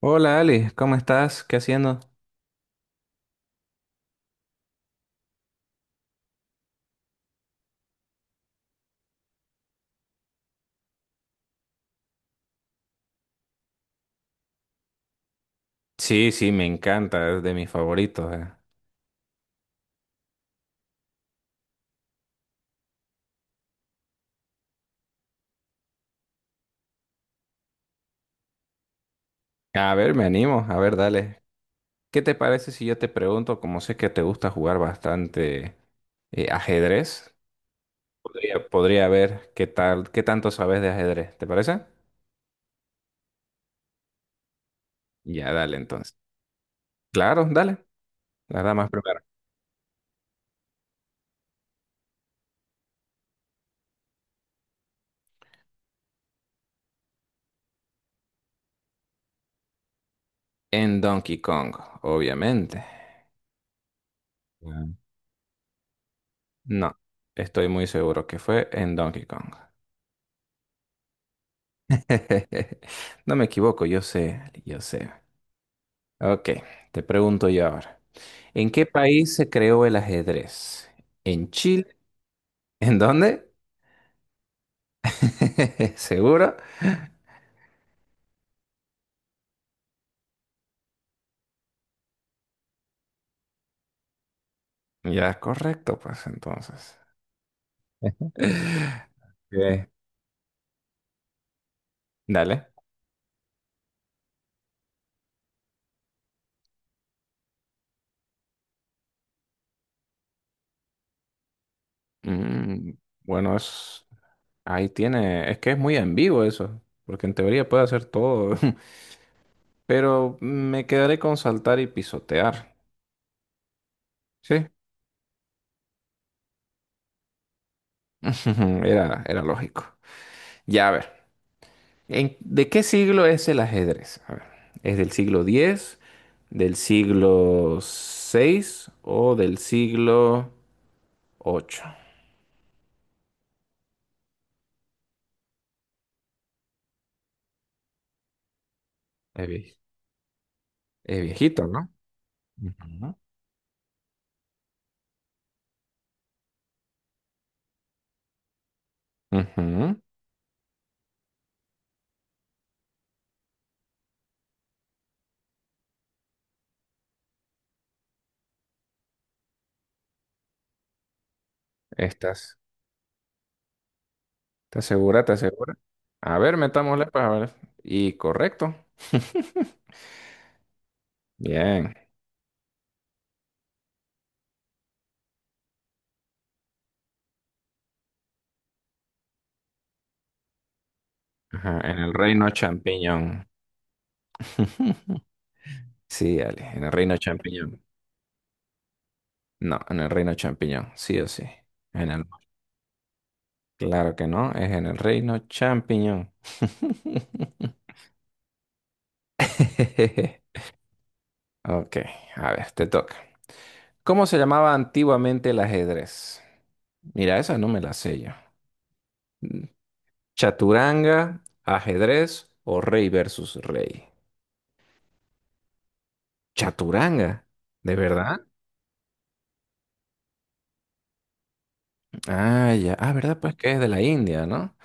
Hola Ali, ¿cómo estás? ¿Qué haciendo? Sí, sí, me encanta, es de mis favoritos. A ver, me animo, a ver, dale. ¿Qué te parece si yo te pregunto, como sé que te gusta jugar bastante ajedrez? Podría ver qué tal, qué tanto sabes de ajedrez, ¿te parece? Ya, dale entonces. Claro, dale. Las damas primero. En Donkey Kong, obviamente. Ah. No, estoy muy seguro que fue en Donkey Kong. No me equivoco, yo sé, yo sé. Ok, te pregunto yo ahora. ¿En qué país se creó el ajedrez? ¿En Chile? ¿En dónde? ¿Seguro? Ya, correcto, pues entonces. Ok, dale. Mm, bueno, ahí tiene, es que es muy ambiguo eso, porque en teoría puede hacer todo, pero me quedaré con saltar y pisotear. Sí, era lógico. Ya, a ver. ¿De qué siglo es el ajedrez? A ver, ¿es del siglo diez, del siglo seis o del siglo ocho? Es, vie- es viejito, ¿no? Ujú. Ujú. ¿Estás, ¿Estás segura? ¿Estás segura? A ver, metámosle para ver. Y correcto. Bien. Ajá, en el reino champiñón. Sí, Ale, en el reino champiñón. No, en el reino champiñón, sí o sí. En el Claro que no, es en el reino champiñón. Ok, a ver, te toca. ¿Cómo se llamaba antiguamente el ajedrez? Mira, esa no me la sé yo. Mm, ¿Chaturanga, ajedrez o rey versus rey? ¿Chaturanga? ¿De verdad? Ah, ya. Ah, ¿verdad? Pues que es de la India, ¿no?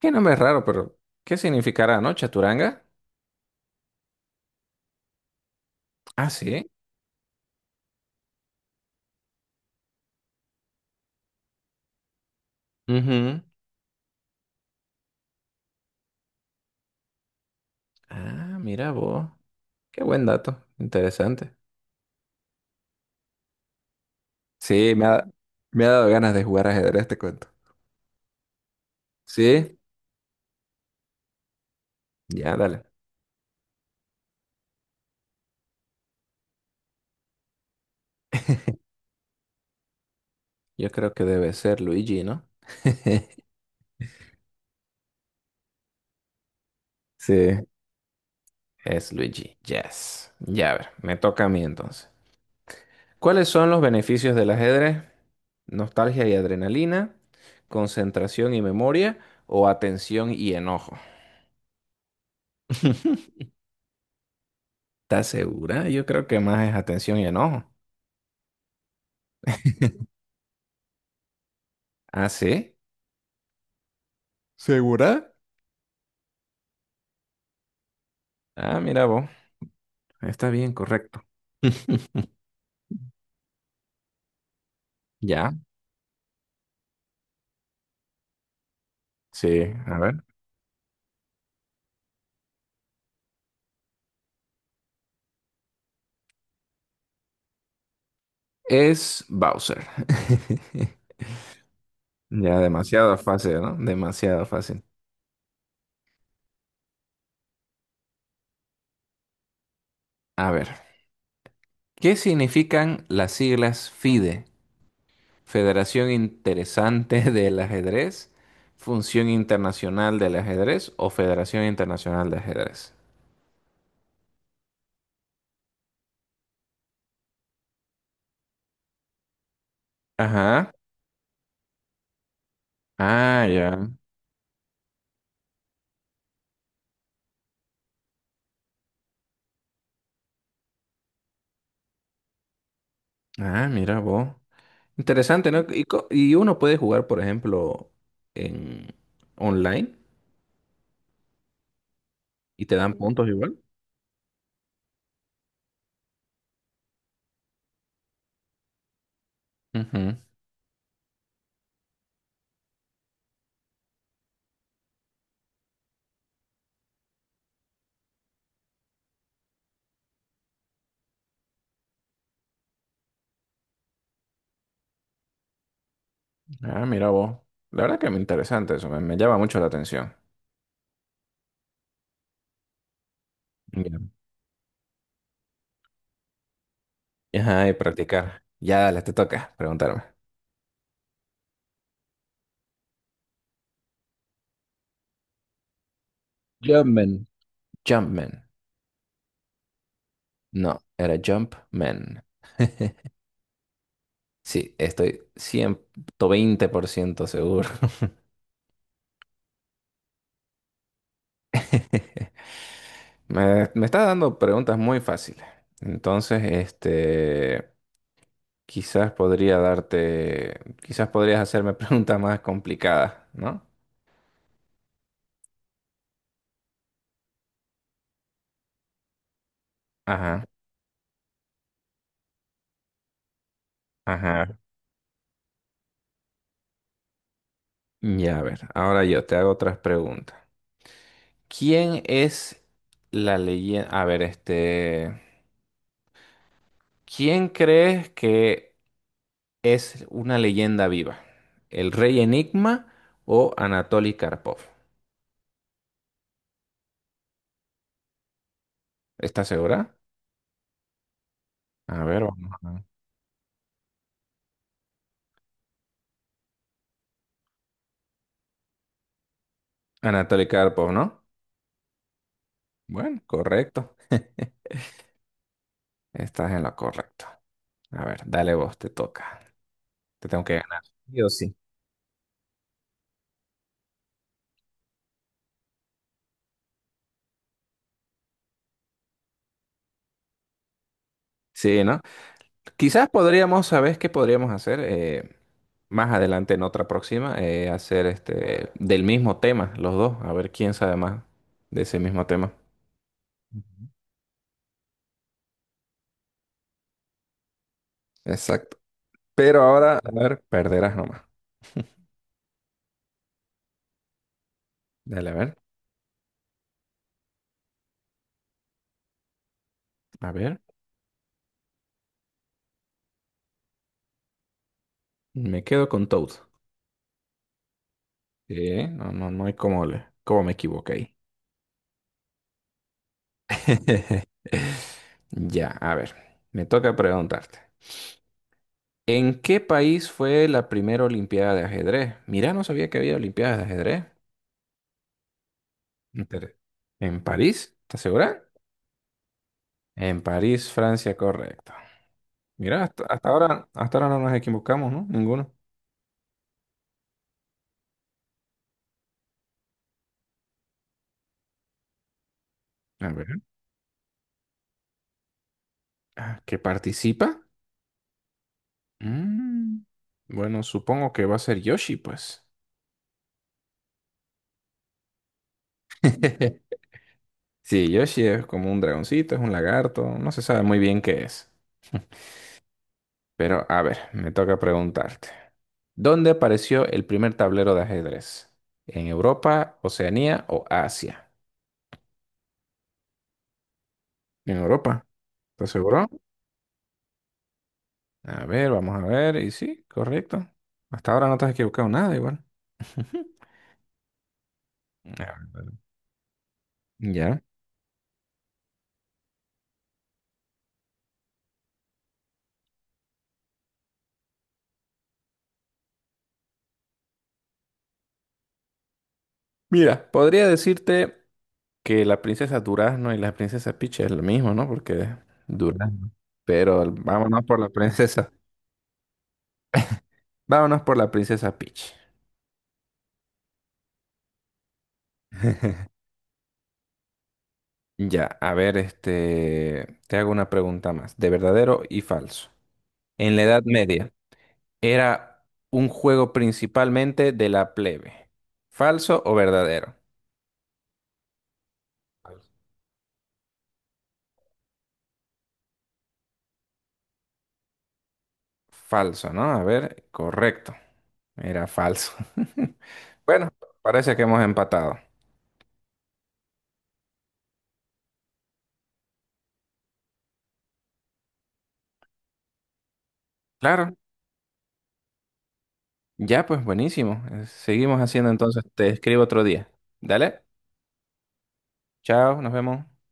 Qué nombre raro, pero ¿qué significará, no? ¿Chaturanga? Ah, sí. Ujú. Ah, mira vos. Qué buen dato. Interesante. Sí, me ha dado ganas de jugar ajedrez, te cuento. ¿Sí? Ya, dale. Yo creo que debe ser Luigi, ¿no? Sí. Es Luigi, yes. Ya, a ver, me toca a mí entonces. ¿Cuáles son los beneficios del ajedrez? ¿Nostalgia y adrenalina? ¿Concentración y memoria? ¿O atención y enojo? ¿Estás segura? Yo creo que más es atención y enojo. ¿Ah, sí? ¿Segura? Ah, mira vos. Está bien, correcto. Ya. Sí, a ver. Es Bowser. Ya demasiado fácil, ¿no? Demasiado fácil. A ver, ¿qué significan las siglas FIDE? ¿Federación Interesante del Ajedrez, Función Internacional del Ajedrez o Federación Internacional de Ajedrez? Ajá. Ah, ya. Ah, mira vos. Interesante, ¿no? Y, y uno puede jugar, por ejemplo, en online y te dan puntos igual. Ujú. Ah, mira vos. La verdad que me interesante eso, me llama mucho la atención. Mira. Ajá, y practicar. Ya, dale, te toca preguntarme. Jumpman. Jumpman. No, era Jumpman. Sí, estoy 120% seguro. Me está dando preguntas muy fáciles. Entonces, quizás podría darte, quizás podrías hacerme preguntas más complicadas, ¿no? Ajá, ajá. Ya, a ver, ahora yo te hago otras preguntas. ¿Quién es la leyenda? A ver, este. ¿Quién crees que es una leyenda viva? ¿El rey Enigma o Anatoly Karpov? ¿Estás segura? A ver, vamos a ver. Anatoly Karpov, ¿no? Bueno, correcto. Estás en lo correcto. A ver, dale vos, te toca. Te tengo que ganar. Yo sí. Sí, ¿no? Quizás podríamos, ¿sabes qué podríamos hacer? Más adelante en otra próxima, hacer este del mismo tema, los dos, a ver quién sabe más de ese mismo tema. Ujú. Exacto. Pero ahora, a ver, perderás nomás. Dale, a ver. A ver, me quedo con Toad. No, no, no hay cómo, cómo me equivoqué ahí. Ya, a ver, me toca preguntarte. ¿En qué país fue la primera Olimpiada de ajedrez? Mira, no sabía que había Olimpiadas de ajedrez. Inter- ¿En París? ¿Estás segura? En París, Francia, correcto. Mira, hasta ahora no nos equivocamos, ¿no? Ninguno. A ver. Ah, ¿que participa? Mm, Bueno, supongo que va a ser Yoshi, pues. Sí, Yoshi es como un dragoncito, es un lagarto, no se sabe muy bien qué es. Pero, a ver, me toca preguntarte. ¿Dónde apareció el primer tablero de ajedrez? ¿En Europa, Oceanía o Asia? En Europa, ¿estás seguro? A ver, vamos a ver. Y sí, correcto. Hasta ahora no te has equivocado nada igual. Ya. Ya. Mira, podría decirte que la princesa Durazno y la princesa Peach es lo mismo, ¿no? Porque es Durazno. Pero vámonos por la princesa. Vámonos por la princesa Peach. Ya, a ver, te hago una pregunta más, de verdadero y falso. En la Edad Media, ¿era un juego principalmente de la plebe? ¿Falso o verdadero? Falso, ¿no? A ver, correcto. Era falso. Bueno, parece que hemos empatado. Claro, ya pues buenísimo. Seguimos haciendo entonces. Te escribo otro día. Dale, chao, nos vemos.